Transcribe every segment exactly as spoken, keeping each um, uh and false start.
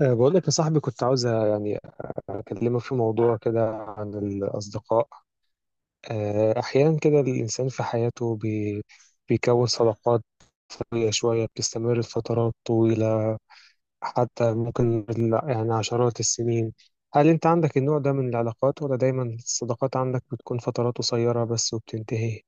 أه، بقول لك يا صاحبي، كنت عاوز يعني أكلمك في موضوع كده عن الأصدقاء. أه، أحيانا كده الإنسان في حياته بي بيكون صداقات شوية شوية بتستمر لفترات طويلة، حتى ممكن بال- يعني عشرات السنين. هل أنت عندك النوع ده من العلاقات ولا دايما الصداقات عندك بتكون فترات قصيرة بس وبتنتهي؟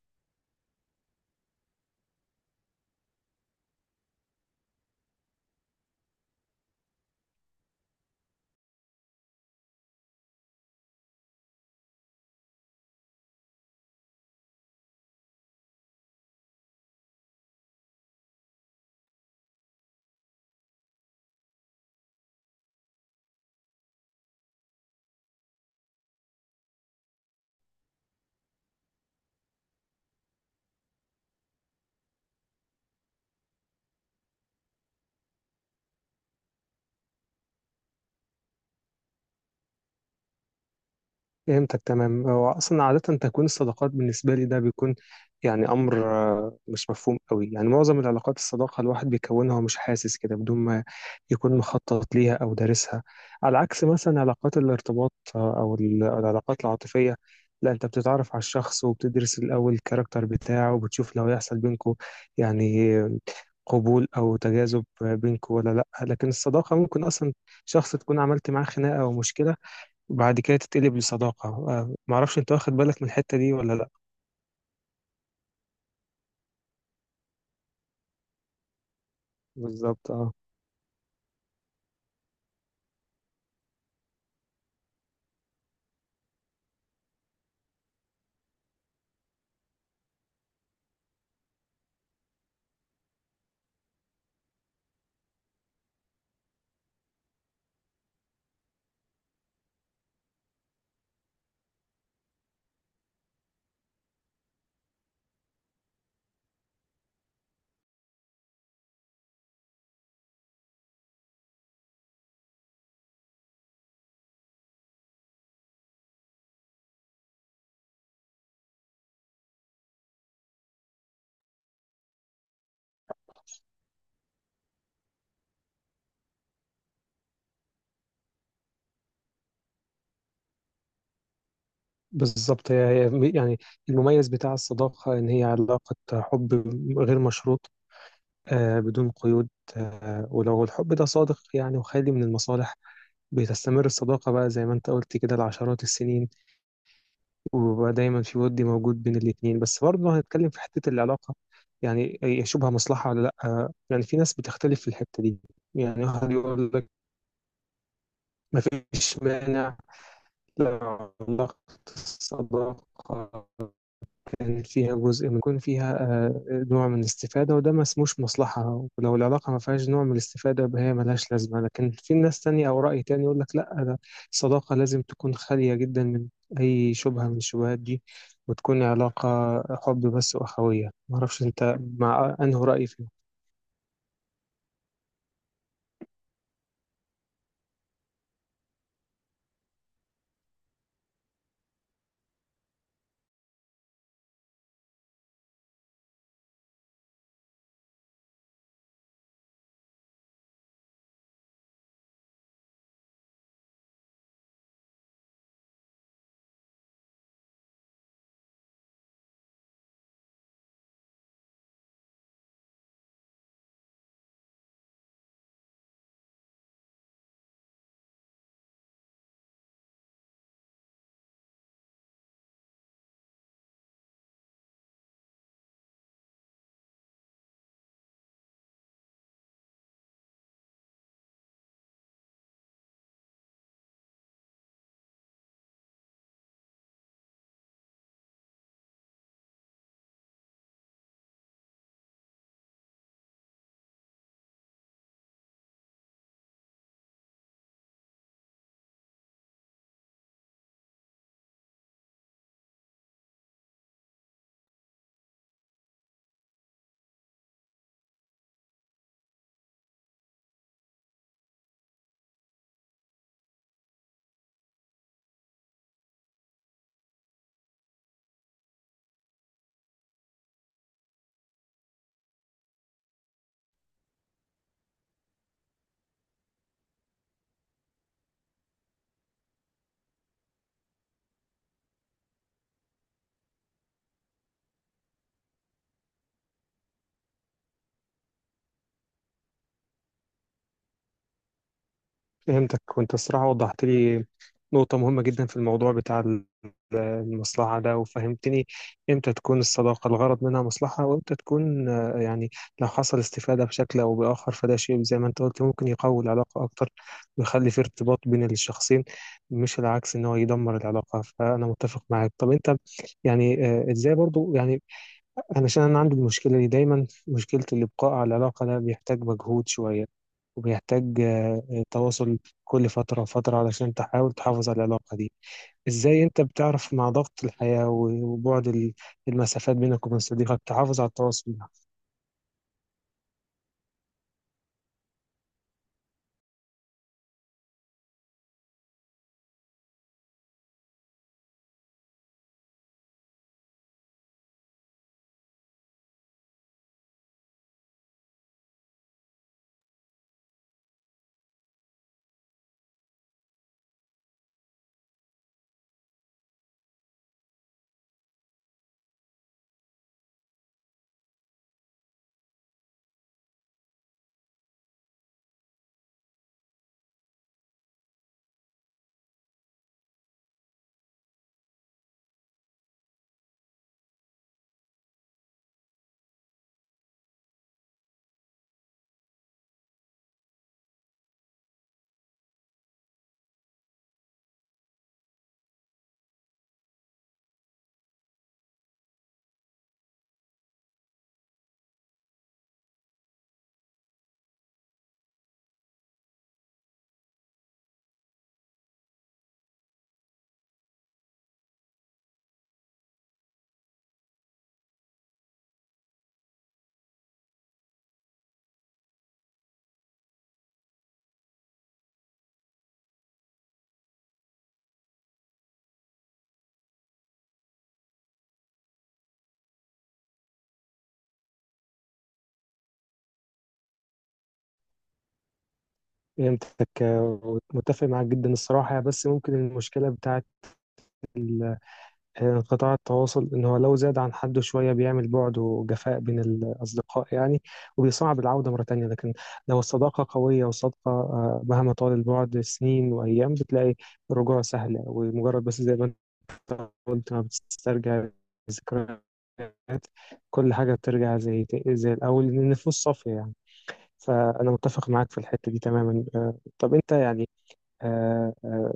فهمتك تمام. هو اصلا عاده تكوين الصداقات بالنسبه لي ده بيكون يعني امر آه، مش مفهوم قوي. يعني معظم العلاقات الصداقه الواحد بيكونها ومش حاسس كده بدون ما يكون مخطط ليها او دارسها، على عكس مثلا علاقات الارتباط آه، او ال- العلاقات العاطفيه. لا، انت بتتعرف على الشخص وبتدرس الاول الكاركتر بتاعه وبتشوف لو هيحصل بينكم يعني قبول او تجاذب بينكم ولا لا. لكن الصداقه ممكن اصلا شخص تكون عملت معاه خناقه او مشكله وبعد كده تتقلب لصداقة. آه، معرفش انت واخد بالك من الحتة دي ولا لا. بالظبط اه. بالظبط. هي هي م- يعني المميز بتاع الصداقة إن هي علاقة حب غير مشروط، آه بدون قيود. آه، ولو الحب ده صادق يعني وخالي من المصالح بتستمر الصداقة بقى زي ما أنت قلت كده لعشرات السنين، وبقى دايما في ود موجود بين الاتنين. بس برضه هنتكلم في حتة العلاقة، يعني هي شبه مصلحة ولا لأ؟ آه، يعني في ناس بتختلف في الحتة دي. يعني واحد يقول لك مفيش مانع، لأ، علاقة الصداقة كان فيها جزء من يكون فيها آآ نوع من الاستفادة وده ما اسموش مصلحة، ولو العلاقة ما فيهاش نوع من الاستفادة يبقى هي ما لهاش لازمة، لكن في ناس تانية أو رأي تاني يقول لك لأ، ده الصداقة لازم تكون خالية جدًا من أي شُبهة من الشبهات دي، وتكون علاقة حُب بس وأخوية. ما أعرفش أنت مع أنهي رأي فيهم؟ فهمتك. وانت الصراحة وضحت لي نقطة مهمة جدا في الموضوع بتاع ال- المصلحة ده، وفهمتني امتى تكون الصداقة الغرض منها مصلحة وامتى تكون. آه، يعني لو حصل استفادة بشكل او بآخر فده شيء زي ما انت قلت ممكن يقوي العلاقة اكتر ويخلي في ارتباط بين الشخصين، مش العكس ان هو يدمر العلاقة. فانا متفق معاك. طب انت يعني آه، ازاي برضو يعني؟ علشان أنا عندي المشكلة دي دايما، مشكلة الإبقاء على العلاقة ده بيحتاج مجهود شوية، وبيحتاج آه، آه، تواصل كل فترة وفترة علشان تحاول تحافظ على العلاقة دي. إزاي أنت بتعرف مع ضغط الحياة و- وبعد ال- المسافات بينك وبين صديقك تحافظ على التواصل ده؟ فهمتك. آه، ومتفق معاك جدا الصراحة. بس ممكن المشكلة بتاعت آه، قطاع التواصل إن هو لو زاد عن حده شوية بيعمل بعد وجفاء بين الأصدقاء يعني، وبيصعب العودة مرة تانية. لكن لو الصداقة قوية وصادقة آه، مهما طال البعد سنين وأيام بتلاقي الرجوع سهل، ومجرد بس زي ما أنت قلت ما بتسترجع الذكريات كل حاجة بترجع زي زي الأول لأن النفوس صافية يعني. فأنا متفق معاك في الحتة دي تماما. آه، طب أنت يعني آه، آه،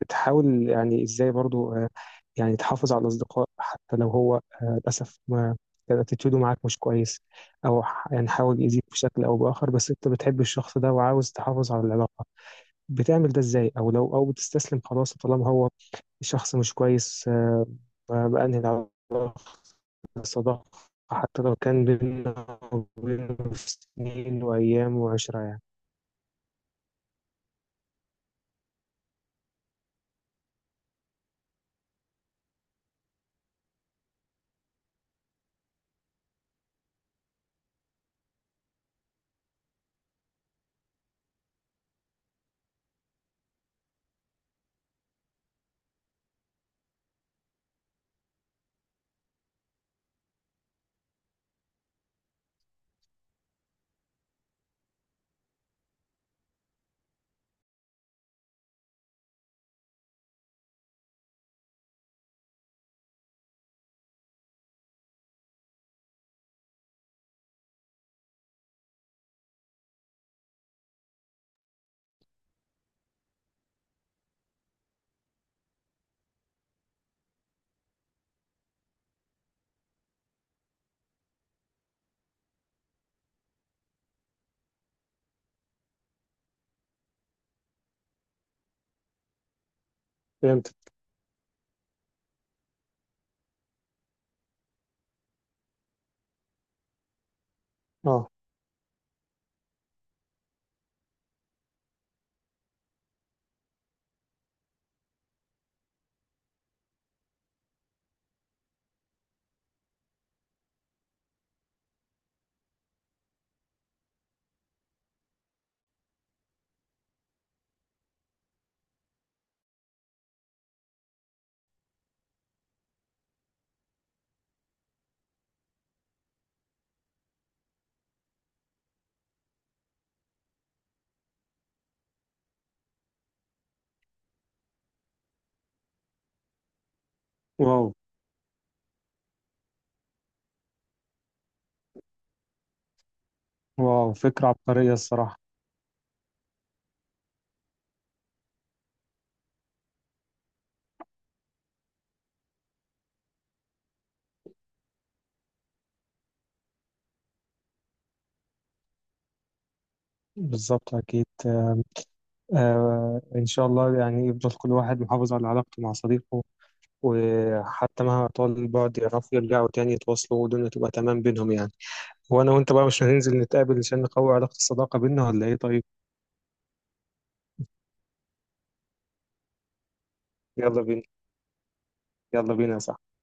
بتحاول يعني ازاي برضو آه، يعني تحافظ على الاصدقاء، حتى لو هو آه، للاسف ما كان اتيتيودو معاك مش كويس او ح- يعني حاول يأذيك بشكل او باخر، بس انت بتحب الشخص ده وعاوز تحافظ على العلاقه، بتعمل ده ازاي؟ او لو او بتستسلم خلاص طالما هو الشخص مش كويس آه، بأنهي العلاقه، الصداقه، حتى لو كان بيننا وبينه سنين وايام وعشرة يعني؟ فهمت. اه. واو. واو، فكرة عبقرية الصراحة. بالظبط أكيد. آه إن شاء الله يعني يفضل كل واحد محافظ على علاقته مع صديقه، وحتى مهما طال البعد يعرفوا يرجعوا تاني يتواصلوا والدنيا تبقى تمام بينهم يعني. وأنا وأنت بقى مش هننزل نتقابل عشان نقوي علاقة الصداقة بينا ولا إيه؟ طيب يلا بينا، يلا بينا، صح.